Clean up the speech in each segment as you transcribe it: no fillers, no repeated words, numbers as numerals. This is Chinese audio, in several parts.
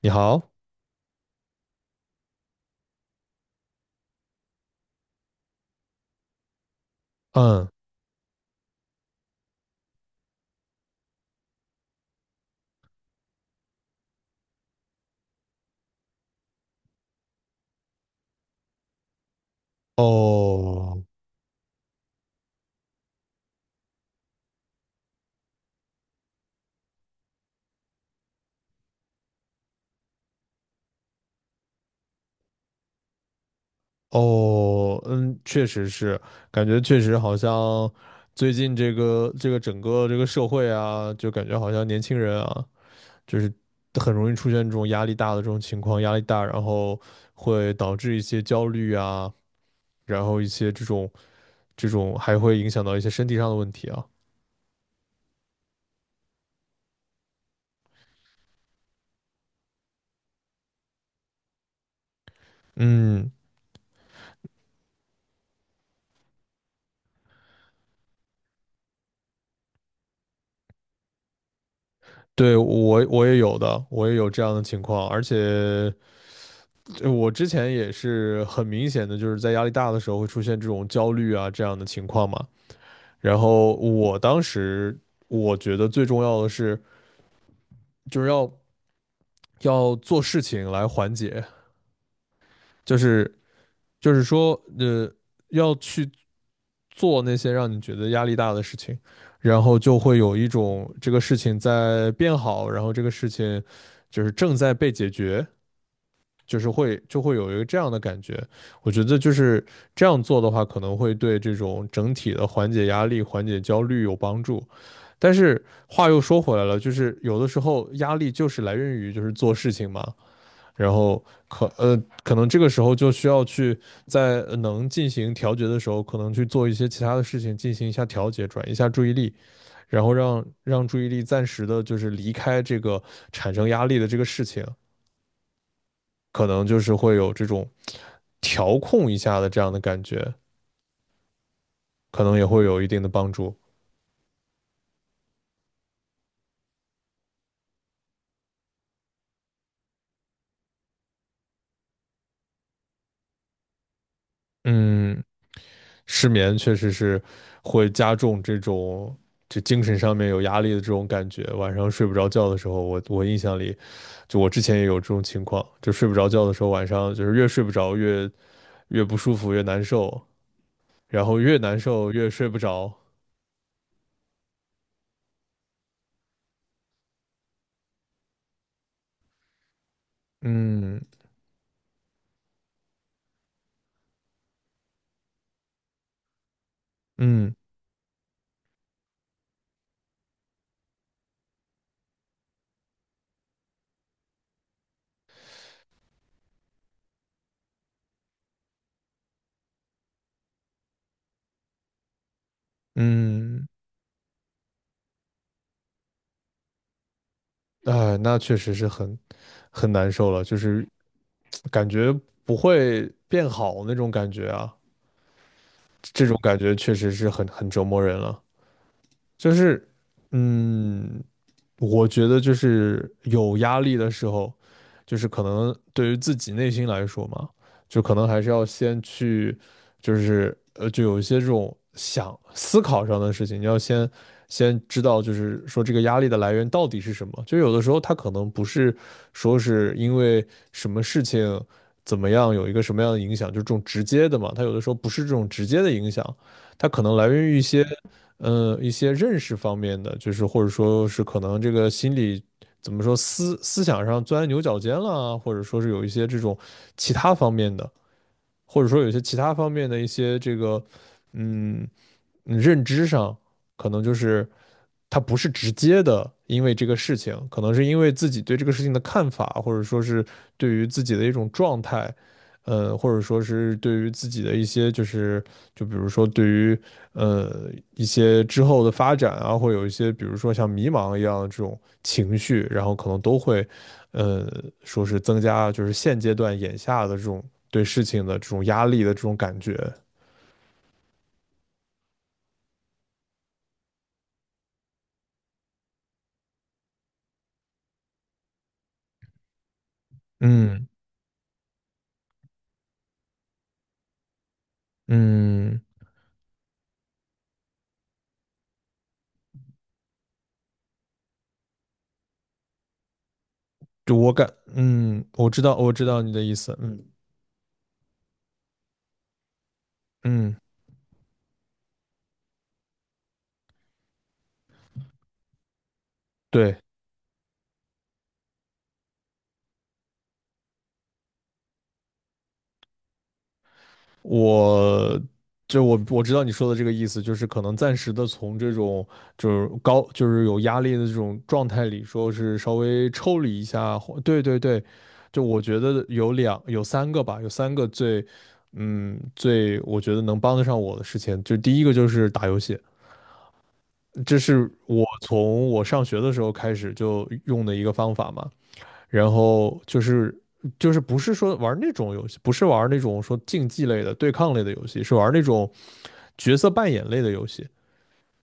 你好，嗯，哦，哦，嗯，确实是，感觉确实好像最近这个整个这个社会啊，就感觉好像年轻人啊，就是很容易出现这种压力大的这种情况，压力大，然后会导致一些焦虑啊，然后一些这种还会影响到一些身体上的问题啊。嗯，对，我也有的，我也有这样的情况，而且。我之前也是很明显的，就是在压力大的时候会出现这种焦虑啊这样的情况嘛。然后我当时我觉得最重要的是，就是要做事情来缓解，就是就是说，呃，要去做那些让你觉得压力大的事情，然后就会有一种这个事情在变好，然后这个事情就是正在被解决就是会就会有一个这样的感觉。我觉得就是这样做的话，可能会对这种整体的缓解压力、缓解焦虑有帮助。但是话又说回来了，就是有的时候压力就是来源于就是做事情嘛，然后可能这个时候就需要去在能进行调节的时候，可能去做一些其他的事情进行一下调节，转移一下注意力，然后让注意力暂时的就是离开这个产生压力的这个事情，可能就是会有这种调控一下的这样的感觉，可能也会有一定的帮助。嗯，失眠确实是会加重这种就精神上面有压力的这种感觉。晚上睡不着觉的时候，我印象里，就我之前也有这种情况，就睡不着觉的时候，晚上就是越睡不着越不舒服，越难受，然后越难受越睡不着。嗯嗯嗯。哎，那确实是很难受了，就是感觉不会变好那种感觉啊，这种感觉确实是很折磨人了。就是，嗯，我觉得就是有压力的时候，就是可能对于自己内心来说嘛，就可能还是要先去，就是就有一些这种思考上的事情，你要先知道，就是说这个压力的来源到底是什么。就有的时候它可能不是说是因为什么事情怎么样有一个什么样的影响，就这种直接的嘛，它有的时候不是这种直接的影响，它可能来源于一些。一些认识方面的，就是或者说是可能这个心理怎么说思想上钻牛角尖了啊或者说是有一些这种其他方面的，或者说有些其他方面的一些这个，嗯，认知上，可能就是他不是直接的因为这个事情，可能是因为自己对这个事情的看法，或者说是对于自己的一种状态，或者说是对于自己的一些就是就比如说对于呃一些之后的发展啊，会有一些比如说像迷茫一样的这种情绪，然后可能都会。呃，说是增加就是现阶段眼下的这种对事情的这种压力的这种感觉。嗯嗯，就我感，嗯，我知道我知道你的意思。嗯嗯，对，我就我我知道你说的这个意思，就是可能暂时的从这种就是高就是有压力的这种状态里，说是稍微抽离一下。对对对，就我觉得有三个吧，有三个最我觉得能帮得上我的事情，就第一个就是打游戏，这是我从我上学的时候开始就用的一个方法嘛。然后就是不是说玩那种游戏，不是玩那种说竞技类的、对抗类的游戏，是玩那种角色扮演类的游戏，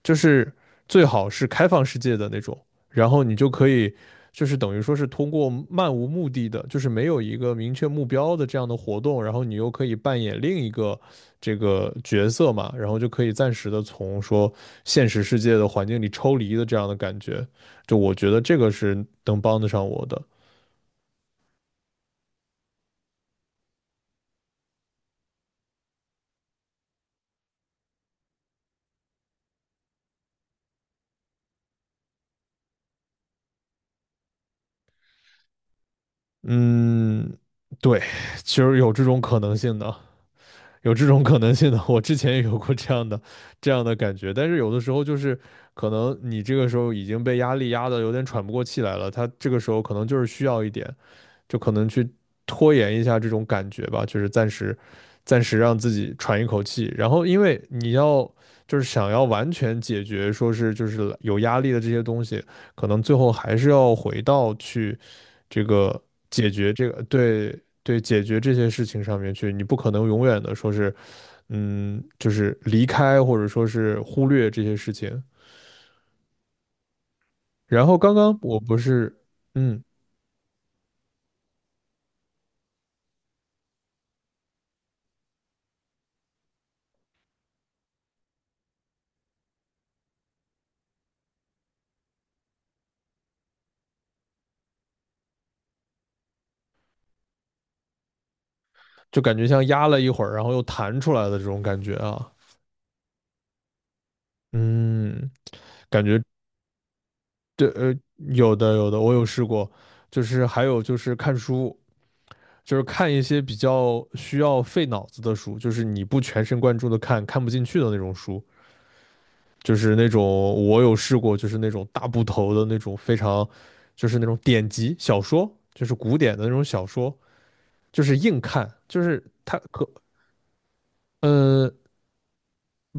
就是最好是开放世界的那种，然后你就可以就是等于说是通过漫无目的的，就是没有一个明确目标的这样的活动，然后你又可以扮演另一个这个角色嘛，然后就可以暂时的从说现实世界的环境里抽离的这样的感觉，就我觉得这个是能帮得上我的。嗯，对，其实有这种可能性的，有这种可能性的。我之前也有过这样的感觉，但是有的时候就是可能你这个时候已经被压力压得有点喘不过气来了，他这个时候可能就是需要一点。就可能去拖延一下这种感觉吧，就是暂时让自己喘一口气。然后，因为你要就是想要完全解决，说是就是有压力的这些东西，可能最后还是要回到去这个解决这个对对解决这些事情上面去。你不可能永远的说是就是离开或者说是忽略这些事情。然后刚刚我不是嗯，就感觉像压了一会儿，然后又弹出来的这种感觉啊。嗯，感觉这呃有的有的，我有试过，就是还有就是看书，就是看一些比较需要费脑子的书，就是你不全神贯注的看，看不进去的那种书，就是那种我有试过，就是那种大部头的那种非常，就是那种典籍小说，就是古典的那种小说，就是硬看，就是它可呃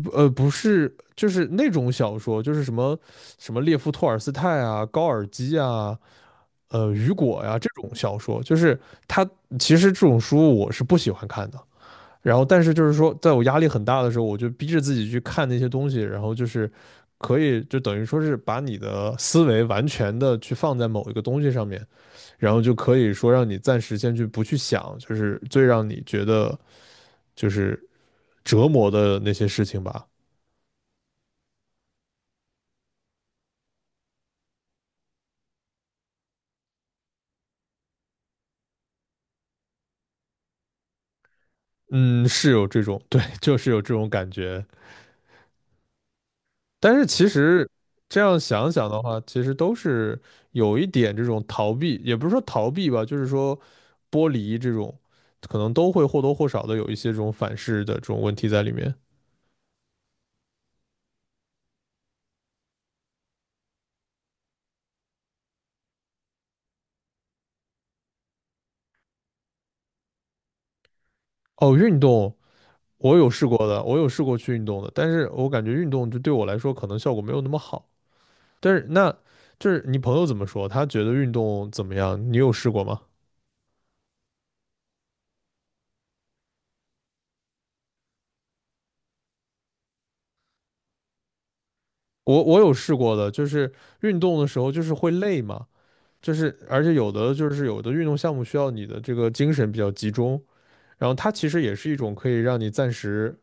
不呃不是，就是那种小说，就是什么什么列夫·托尔斯泰啊、高尔基啊。雨果呀这种小说，就是他其实这种书我是不喜欢看的。然后，但是就是说，在我压力很大的时候，我就逼着自己去看那些东西，然后就是可以就等于说是把你的思维完全的去放在某一个东西上面，然后就可以说让你暂时先去不去想，就是最让你觉得就是折磨的那些事情吧。嗯，是有这种，对，就是有这种感觉。但是其实这样想想的话，其实都是有一点这种逃避，也不是说逃避吧，就是说剥离这种，可能都会或多或少的有一些这种反噬的这种问题在里面。哦，运动我有试过的，我有试过去运动的，但是我感觉运动就对我来说可能效果没有那么好。但是那就是你朋友怎么说？他觉得运动怎么样？你有试过吗？我有试过的，就是运动的时候就是会累嘛。就是而且有的运动项目需要你的这个精神比较集中，然后它其实也是一种可以让你暂时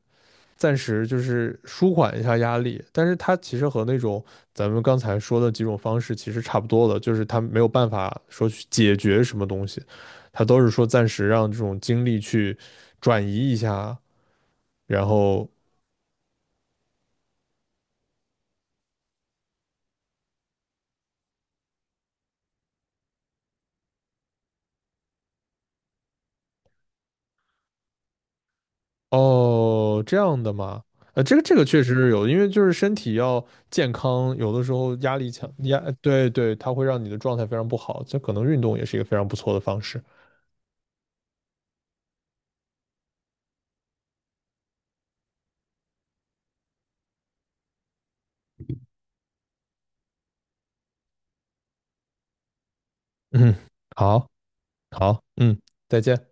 暂时就是舒缓一下压力，但是它其实和那种咱们刚才说的几种方式其实差不多的，就是它没有办法说去解决什么东西，它都是说暂时让这种精力去转移一下，然后哦，这样的嘛，这个确实是有的因为就是身体要健康，有的时候压力强，对对，它会让你的状态非常不好，这可能运动也是一个非常不错的方式。嗯，好，好，嗯，再见。